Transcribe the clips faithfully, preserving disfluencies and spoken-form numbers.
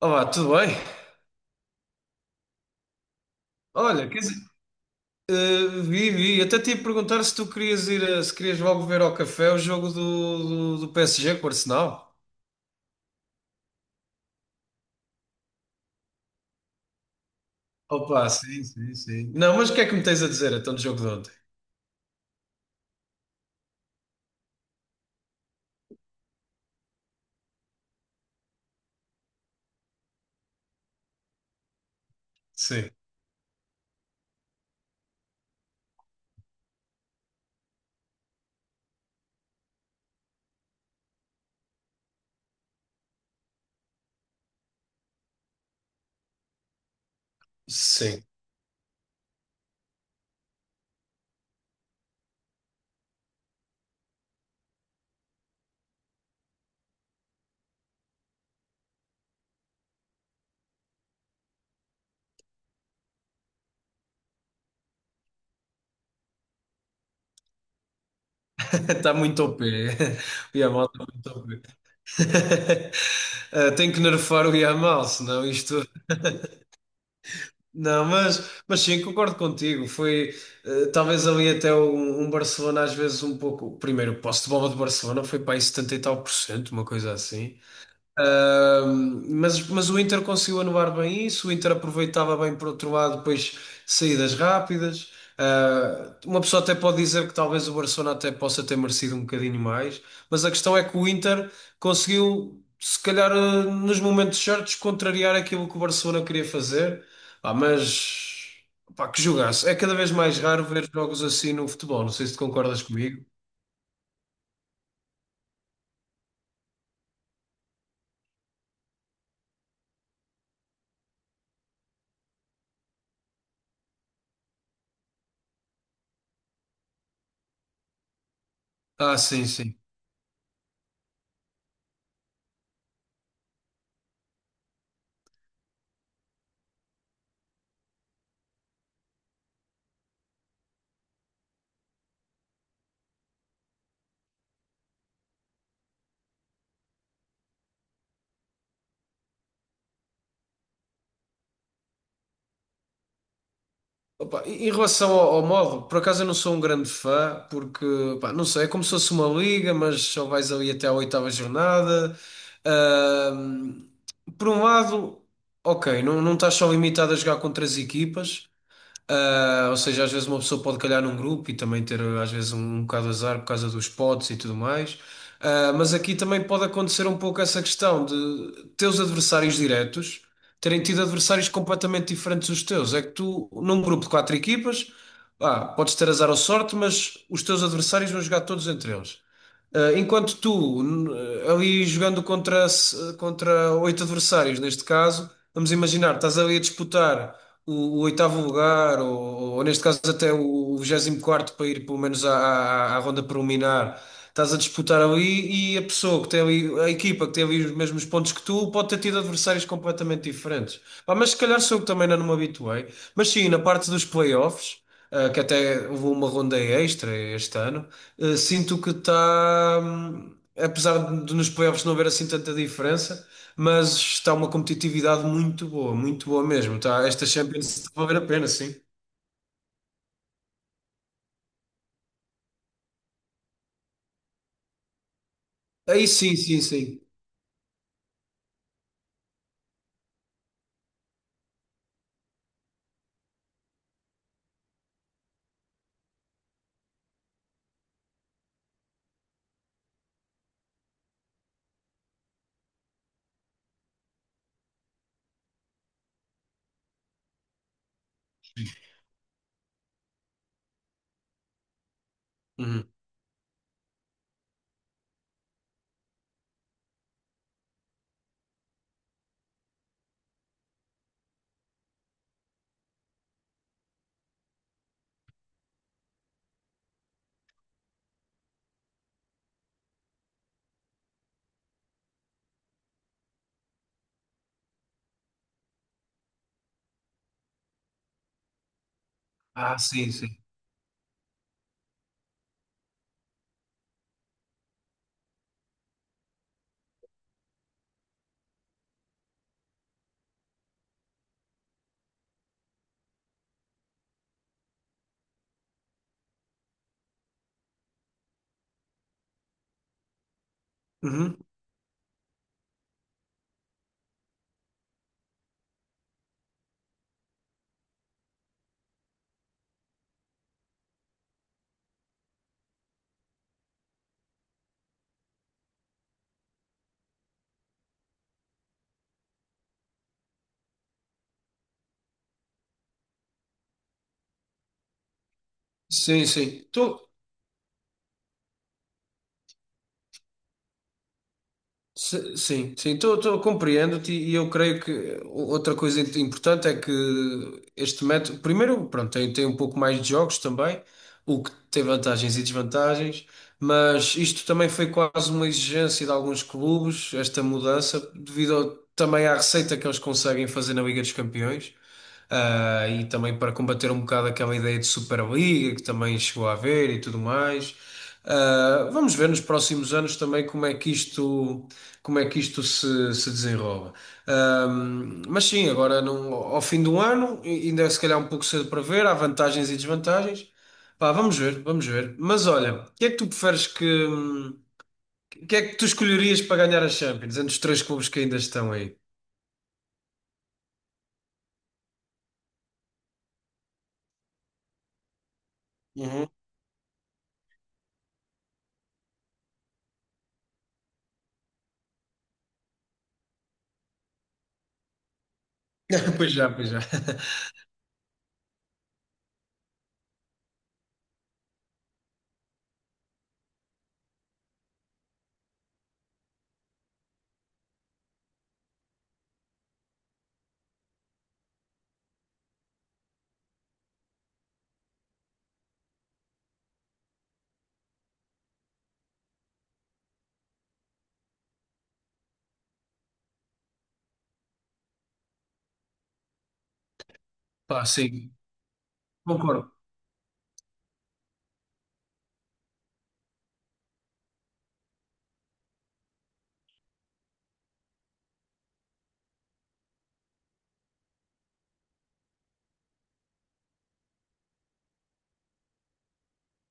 Olá, tudo bem? Olha, quer dizer, eh, vi, vi. Até te ia perguntar se tu querias ir, a- se querias logo ver ao café o jogo do, do, do P S G com o Arsenal. Opa, sim, sim, sim. Não, mas o que é que me tens a dizer então do jogo de ontem? Sim. Sim. Está muito O P. O Yamal está muito O P. Eh, tem que nerfar o Yamal, senão isto. Não, mas, mas sim, concordo contigo. Foi eh, talvez ali até um, um Barcelona, às vezes um pouco. Primeiro, o posse de bola de Barcelona foi para aí setenta e tal por cento, uma coisa assim. Ahm, mas, mas o Inter conseguiu anular bem isso, o Inter aproveitava bem por outro lado, depois saídas rápidas. Ah, uma pessoa até pode dizer que talvez o Barcelona até possa ter merecido um bocadinho mais, mas a questão é que o Inter conseguiu, se calhar, ah, nos momentos certos, contrariar aquilo que o Barcelona queria fazer. Ah, mas pá, que jogaço! É cada vez mais raro ver jogos assim no futebol. Não sei se tu concordas comigo. Ah, sim, sim. Opa, e- em relação ao, ao modo, por acaso eu não sou um grande fã, porque, pá, não sei, é como se fosse uma liga, mas só vais ali até à oitava jornada. Ahm, por um lado, ok, não, não estás só limitado a jogar contra as equipas, ah, ou seja, às vezes uma pessoa pode calhar num grupo e também ter às vezes um, um bocado de azar por causa dos potes e tudo mais. Ah, mas aqui também pode acontecer um pouco essa questão de teus adversários diretos terem tido adversários completamente diferentes dos teus. É que tu, num grupo de quatro equipas, ah, podes ter azar ou sorte, mas os teus adversários vão jogar todos entre eles. Uh, enquanto tu, n- uh, ali jogando contra, s- contra oito adversários, neste caso, vamos imaginar, estás ali a disputar o, o oitavo lugar, ou, ou neste caso até o vigésimo quarto para ir pelo menos à, à, à ronda preliminar, estás a disputar ali e a pessoa que tem ali, a equipa que tem ali os mesmos pontos que tu, pode ter tido adversários completamente diferentes. Pá, mas se calhar sou eu que também ainda não me habituei. Mas sim, na parte dos playoffs, uh, que até houve uma ronda extra este ano. Uh, Sinto que está, hum, apesar de de nos playoffs não haver assim tanta diferença, mas está uma competitividade muito boa, muito boa mesmo. Tá? Esta Champions está a valer a pena, sim. Aí sim, sim, sim. Uhum. Ah, sim, sim. Uhum. Sim, sim. Tô, se- sim, sim. Tô, tô, compreendo-te e eu creio que outra coisa importante é que este método, primeiro, pronto, tem, tem um pouco mais de jogos também, o que tem vantagens e desvantagens, mas isto também foi quase uma exigência de alguns clubes, esta mudança, devido ao- também à receita que eles conseguem fazer na Liga dos Campeões. Ah, e também para combater um bocado aquela ideia de Superliga que também chegou a haver e tudo mais. Ah, vamos ver nos próximos anos também como é que isto, como é que isto se, se desenrola. Ahm, mas sim, agora não- ao fim do ano, ainda é se calhar um pouco cedo para ver, há vantagens e desvantagens. Pá, vamos ver, vamos ver. Mas olha, o que é que tu preferes que. O que é que tu escolherias para ganhar a Champions, entre os três clubes que ainda estão aí? Uhum. Pois já, pois já. Pá, sim, concordo.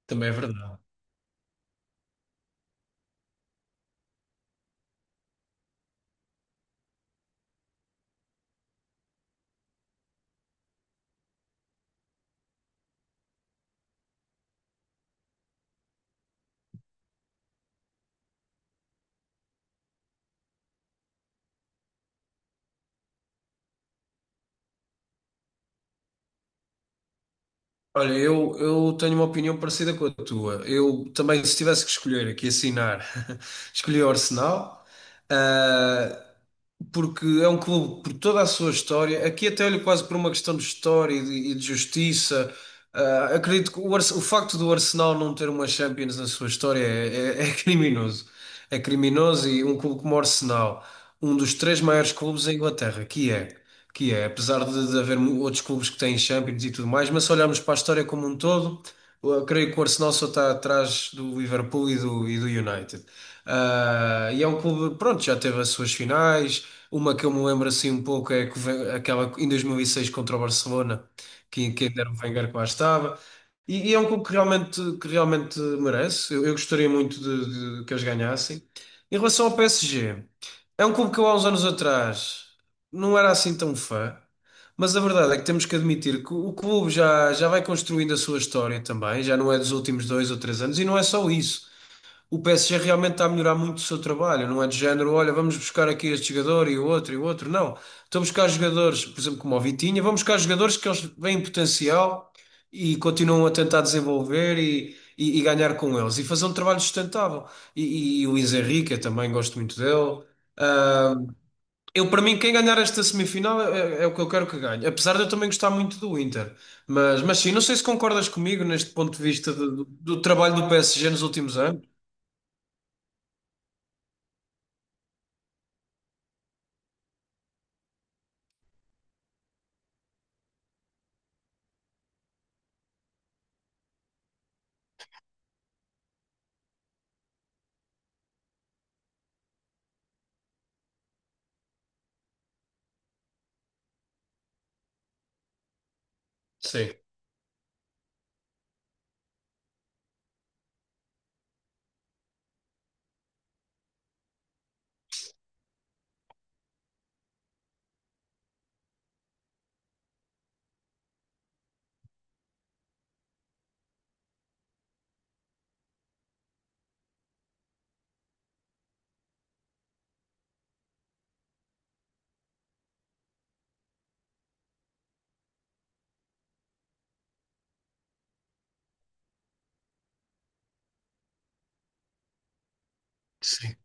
Também é verdade. Olha, eu, eu tenho uma opinião parecida com a tua. Eu também, se tivesse que escolher aqui, assinar, escolhi o Arsenal. Ah, porque é um clube por toda a sua história. Aqui até olho quase por uma questão de história e de, e de justiça. Ah, acredito que o, Arse- o facto do Arsenal não ter uma Champions na sua história é, é- é criminoso. É criminoso, e um clube como o Arsenal, um dos três maiores clubes da Inglaterra, que é, que é, apesar de, de haver mu- outros clubes que têm Champions e tudo mais, mas se olharmos para a história como um todo, eu creio que o Arsenal só está atrás do Liverpool e do, e do United. Ah, e é um clube, pronto, já teve as suas finais, uma que eu me lembro assim um pouco é que vem- aquela em dois mil e seis contra o Barcelona, que, que ainda era o Wenger que lá estava. E, e é um clube que realmente, que realmente merece. Eu, eu gostaria muito de, de que eles ganhassem. Em relação ao P S G, é um clube que eu há uns anos atrás não era assim tão fã, mas a verdade é que temos que admitir que o clube já, já vai construindo a sua história também, já não é dos últimos dois ou três anos, e não é só isso. O P S G realmente está a melhorar muito o seu trabalho, não é de género, olha, vamos buscar aqui este jogador e o outro e o outro. Não, estão a buscar jogadores, por exemplo, como o Vitinha, vão buscar jogadores que eles veem potencial e continuam a tentar desenvolver e, e- e ganhar com eles e fazer um trabalho sustentável. E, e e o Luis Enrique, eu também gosto muito dele. Ah, eu, para mim, quem ganhar esta semifinal é, é é o que eu quero que ganhe, apesar de eu também gostar muito do Inter. Mas, mas sim, não sei se concordas comigo neste ponto de vista do, do do trabalho do P S G nos últimos anos. Sim. Sim.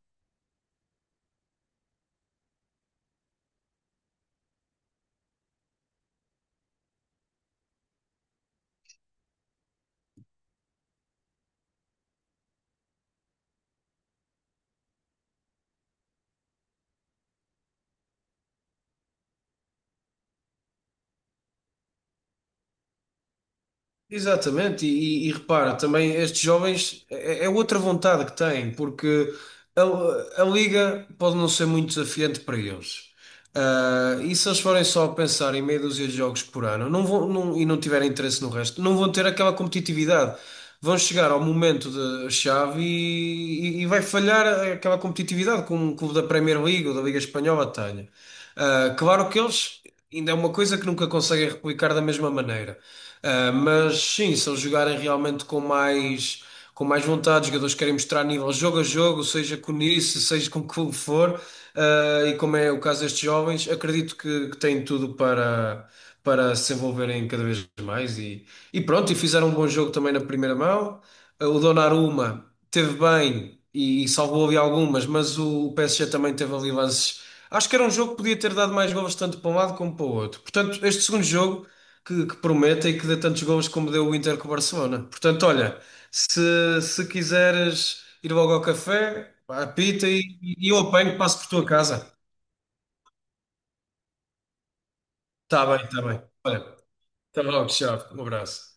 Exatamente, e, e- e repara, também estes jovens é, é é outra vontade que têm, porque a, a liga pode não ser muito desafiante para eles. Ah, e se eles forem só pensar em meia dúzia de jogos por ano, não vão, não- e não tiverem interesse no resto, não vão ter aquela competitividade. Vão chegar ao momento da chave e, e- e vai falhar aquela competitividade que um clube da Premier League ou da Liga Espanhola tenha. Ah, claro que eles ainda é uma coisa que nunca conseguem replicar da mesma maneira. Ah, mas sim, se eles jogarem realmente com mais, com mais vontade, os jogadores querem mostrar nível jogo a jogo, seja com isso, seja com o que for, ah, e como é o caso destes jovens, acredito que, que têm tudo para, para se envolverem cada vez mais. E, e pronto, e fizeram um bom jogo também na primeira mão. O Donnarumma teve bem e salvou ali algumas, mas o P S G também teve ali lances. Acho que era um jogo que podia ter dado mais golos tanto para um lado como para o outro. Portanto, este segundo jogo que, que promete e que dê tantos golos como deu o Inter com o Barcelona. Portanto, olha, se, se quiseres ir logo ao café, pá, apita e, e eu apanho, passo por tua casa. Tá bem, tá bem. Olha, até logo, tchau. Um abraço.